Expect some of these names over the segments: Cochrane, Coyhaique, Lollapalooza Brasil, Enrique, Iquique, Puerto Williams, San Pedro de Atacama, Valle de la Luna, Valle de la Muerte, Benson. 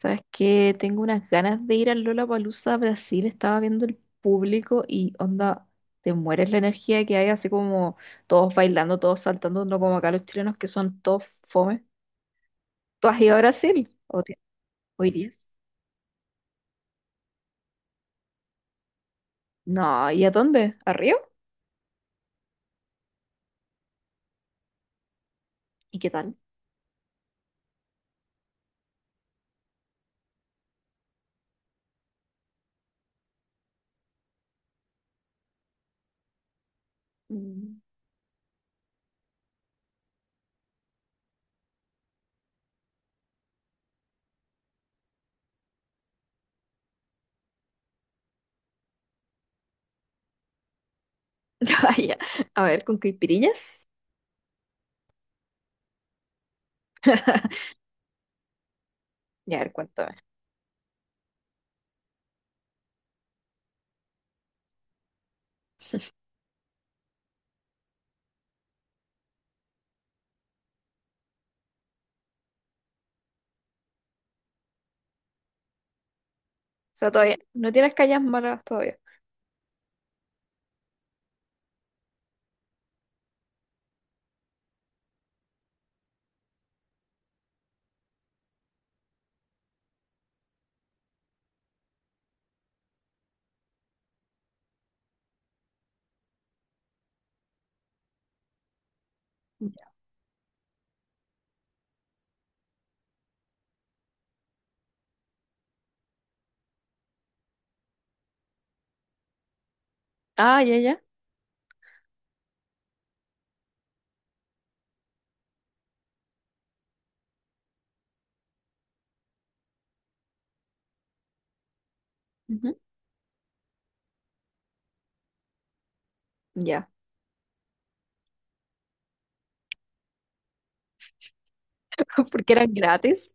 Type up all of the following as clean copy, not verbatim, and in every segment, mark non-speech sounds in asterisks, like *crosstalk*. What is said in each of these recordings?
Sabes que tengo unas ganas de ir al Lollapalooza Brasil. Estaba viendo el público y onda, te mueres la energía que hay, así como todos bailando, todos saltando, no como acá los chilenos que son todos fome. ¿Tú has ido a Brasil? ¿O irías? No, ¿y a dónde? ¿A Río? ¿Y qué tal? Mm. *laughs* Ah, ya. A ver, ¿con caipirinhas? Ya, a ver, cuéntame. O sea, todavía no tienes calles malas todavía. Ya. Ah, ya, ya. Ujú, ya. *laughs* ¿Porque eran gratis?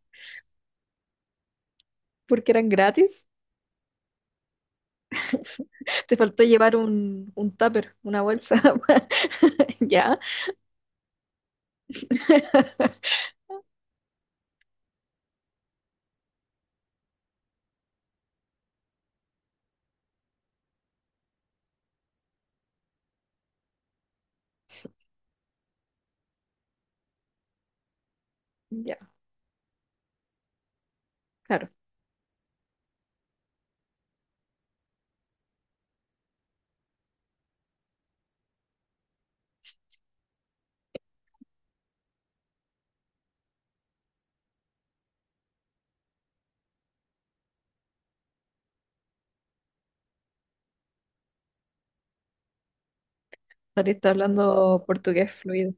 ¿Porque eran gratis? *laughs* Te faltó llevar un tupper, una bolsa. *laughs* Ya, ya, claro. Saliste hablando portugués fluido.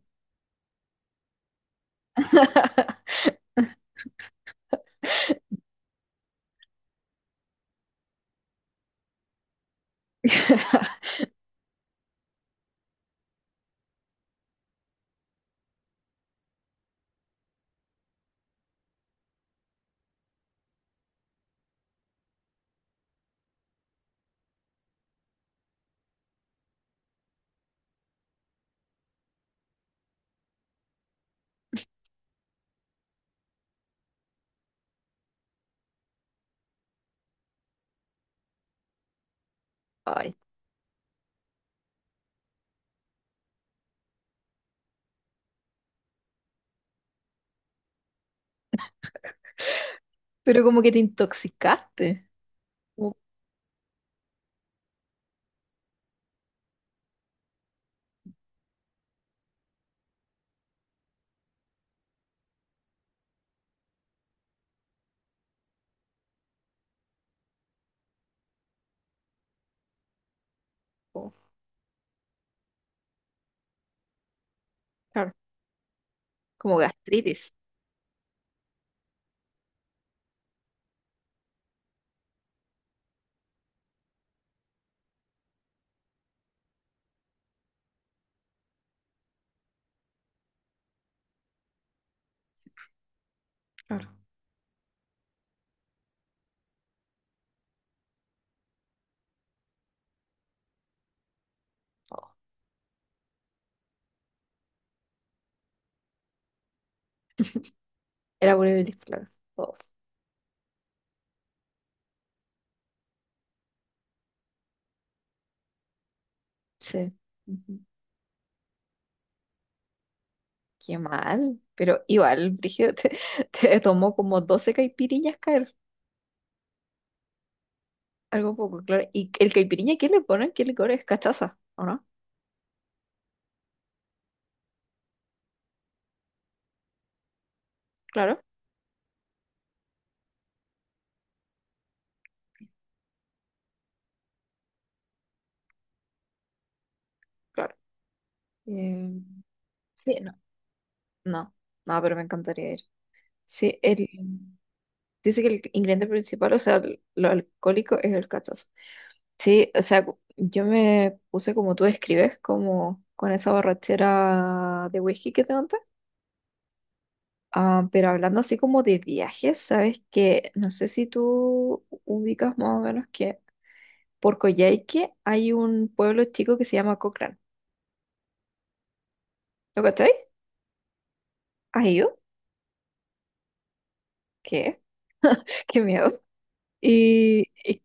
Ay, pero como que te intoxicaste. Como- como- claro, como gastritis. Claro. Oh, era poliomelitis, claro. Oh, sí. Ujú. Qué mal. Pero igual, Brígido, *laughs* te tomó como 12 caipirinhas caer. Algo poco, claro. ¿Y el caipirinha qué le ponen? ¿Qué licor es? ¿Cachaza? ¿O no? Claro, claro. Eh, sí, no, no, pero me encantaría ir. Sí, dice que el ingrediente principal, o sea, lo alcohólico es el cachazo. Sí, o sea, yo me puse como tú describes, como con esa borrachera de whisky que te conté. Ah, pero hablando así como de viajes, sabes que no sé si tú ubicas más o menos que por Coyhaique hay un pueblo chico que se llama Cochrane. ¿Lo cachai? ¿Has ido? ¿Qué? *laughs* Qué miedo. Y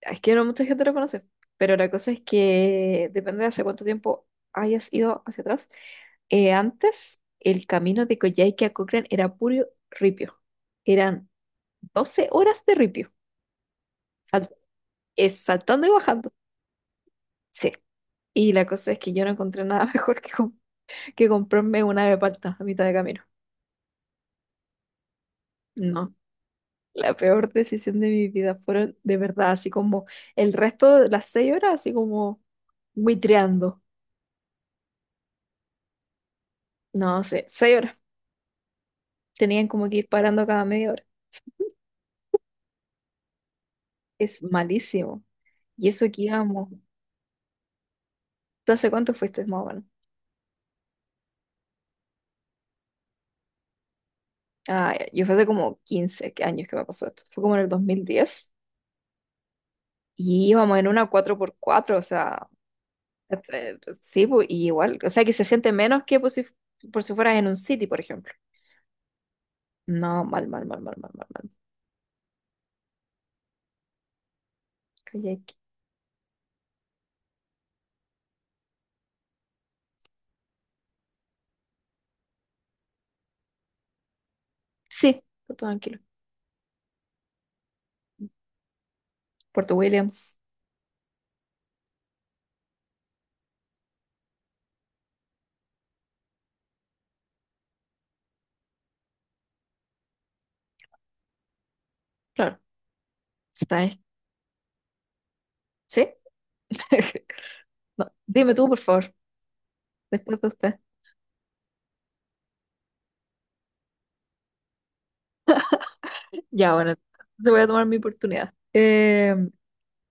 es que no mucha gente lo conoce, pero la cosa es que depende de hace cuánto tiempo hayas ido hacia atrás. Antes, el camino de Coyhaique a Cochrane era puro ripio. Eran 12 horas de ripio, sal- saltando y bajando. Sí. Y la cosa es que yo no encontré nada *laughs* mejor que comprarme una de palta a mitad de camino. No. La peor decisión de mi vida fueron de verdad, así como el resto de las 6 horas, así como buitreando. No sé, 6 horas. Tenían como que ir parando cada media hora. Es malísimo. Y eso que íbamos. ¿Tú hace cuánto fuiste más o menos? Ah, ya, yo fue hace como 15 años que me pasó esto. Fue como en el 2010. Y íbamos en una cuatro por cuatro, o sea, este, sí, pues, y igual. O sea, que se siente menos que por si fueras en un city, por ejemplo. No, mal, mal, mal, mal, mal, mal, mal. Kayak. Sí, por todo tranquilo. Puerto Williams, claro. ¿Está ahí? ¿Sí? *laughs* No, dime tú, por favor, después de usted. Ya, bueno, te voy a tomar mi oportunidad.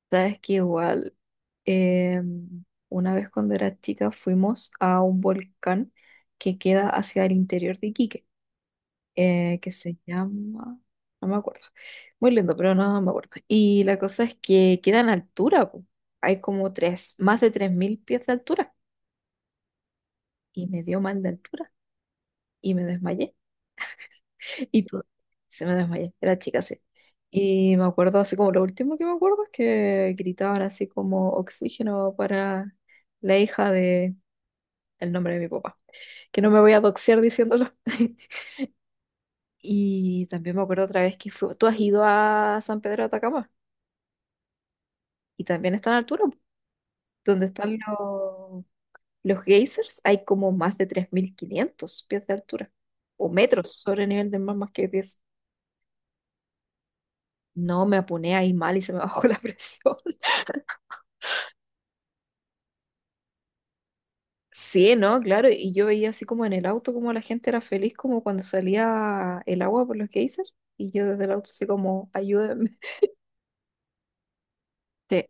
Sabes que igual, eh, una vez cuando era chica fuimos a un volcán que queda hacia el interior de Iquique, que se llama, no me acuerdo, muy lindo, pero no me acuerdo. Y la cosa es que queda en altura, po. Hay como más de 3000 pies de altura, y me dio mal de altura y me desmayé. *laughs* Y todo. Se me desmayé, era chica, sí. Y me acuerdo, así como lo último que me acuerdo es que gritaban así como oxígeno para la hija de el nombre de mi papá. Que no me voy a doxear diciéndolo. *laughs* Y también me acuerdo otra vez que fue, tú has ido a San Pedro de Atacama y también está en altura, po, donde están los geysers, hay como más de 3500 pies de altura o metros sobre el nivel del mar más que pies. No, me apuné ahí mal y se me bajó *laughs* la presión. Sí, ¿no? Claro, y yo veía así como en el auto como la gente era feliz como cuando salía el agua por los geysers y yo desde el auto así como, ayúdenme. *laughs* Sí,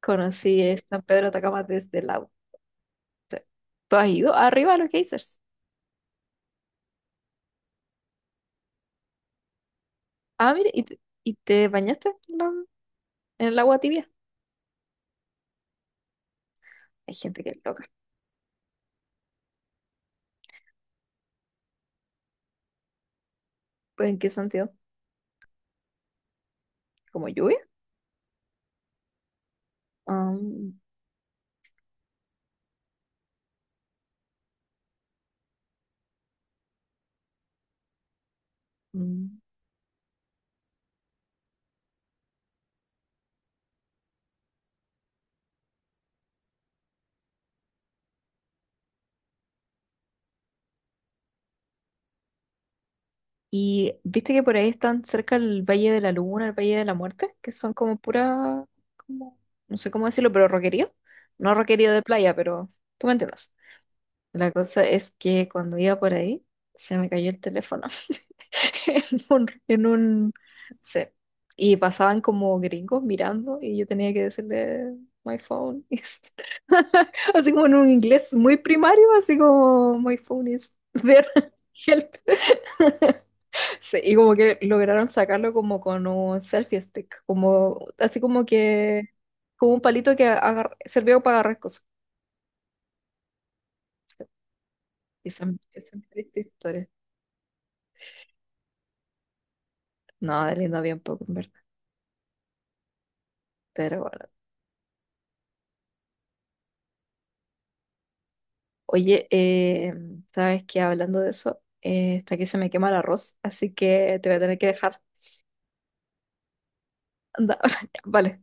conocí el San Pedro de Atacama desde el auto. ¿Tú has ido arriba a los geysers? Ah, mire, ¿y te bañaste en, en el agua tibia? Hay gente que es loca. ¿Pues en qué sentido? ¿Como lluvia? Ah, mm, y viste que por ahí están cerca el Valle de la Luna, el Valle de la Muerte, que son como pura, como, no sé cómo decirlo, pero roquerío. No roquerío de playa, pero tú me entiendes. La cosa es que cuando iba por ahí, se me cayó el teléfono *laughs* en un, sí. Y pasaban como gringos mirando y yo tenía que decirle, my phone is, *laughs* así como en un inglés muy primario, así como, my phone is there, *laughs* help. Sí, y como que lograron sacarlo como con un selfie stick, como así como que, como un palito servía para agarrar cosas. Y son, son tristes historias. No, de lindo había un poco, en verdad. Pero bueno. Oye, ¿sabes qué? Hablando de eso, hasta aquí se me quema el arroz, así que te voy a tener que dejar. Anda, *laughs* vale.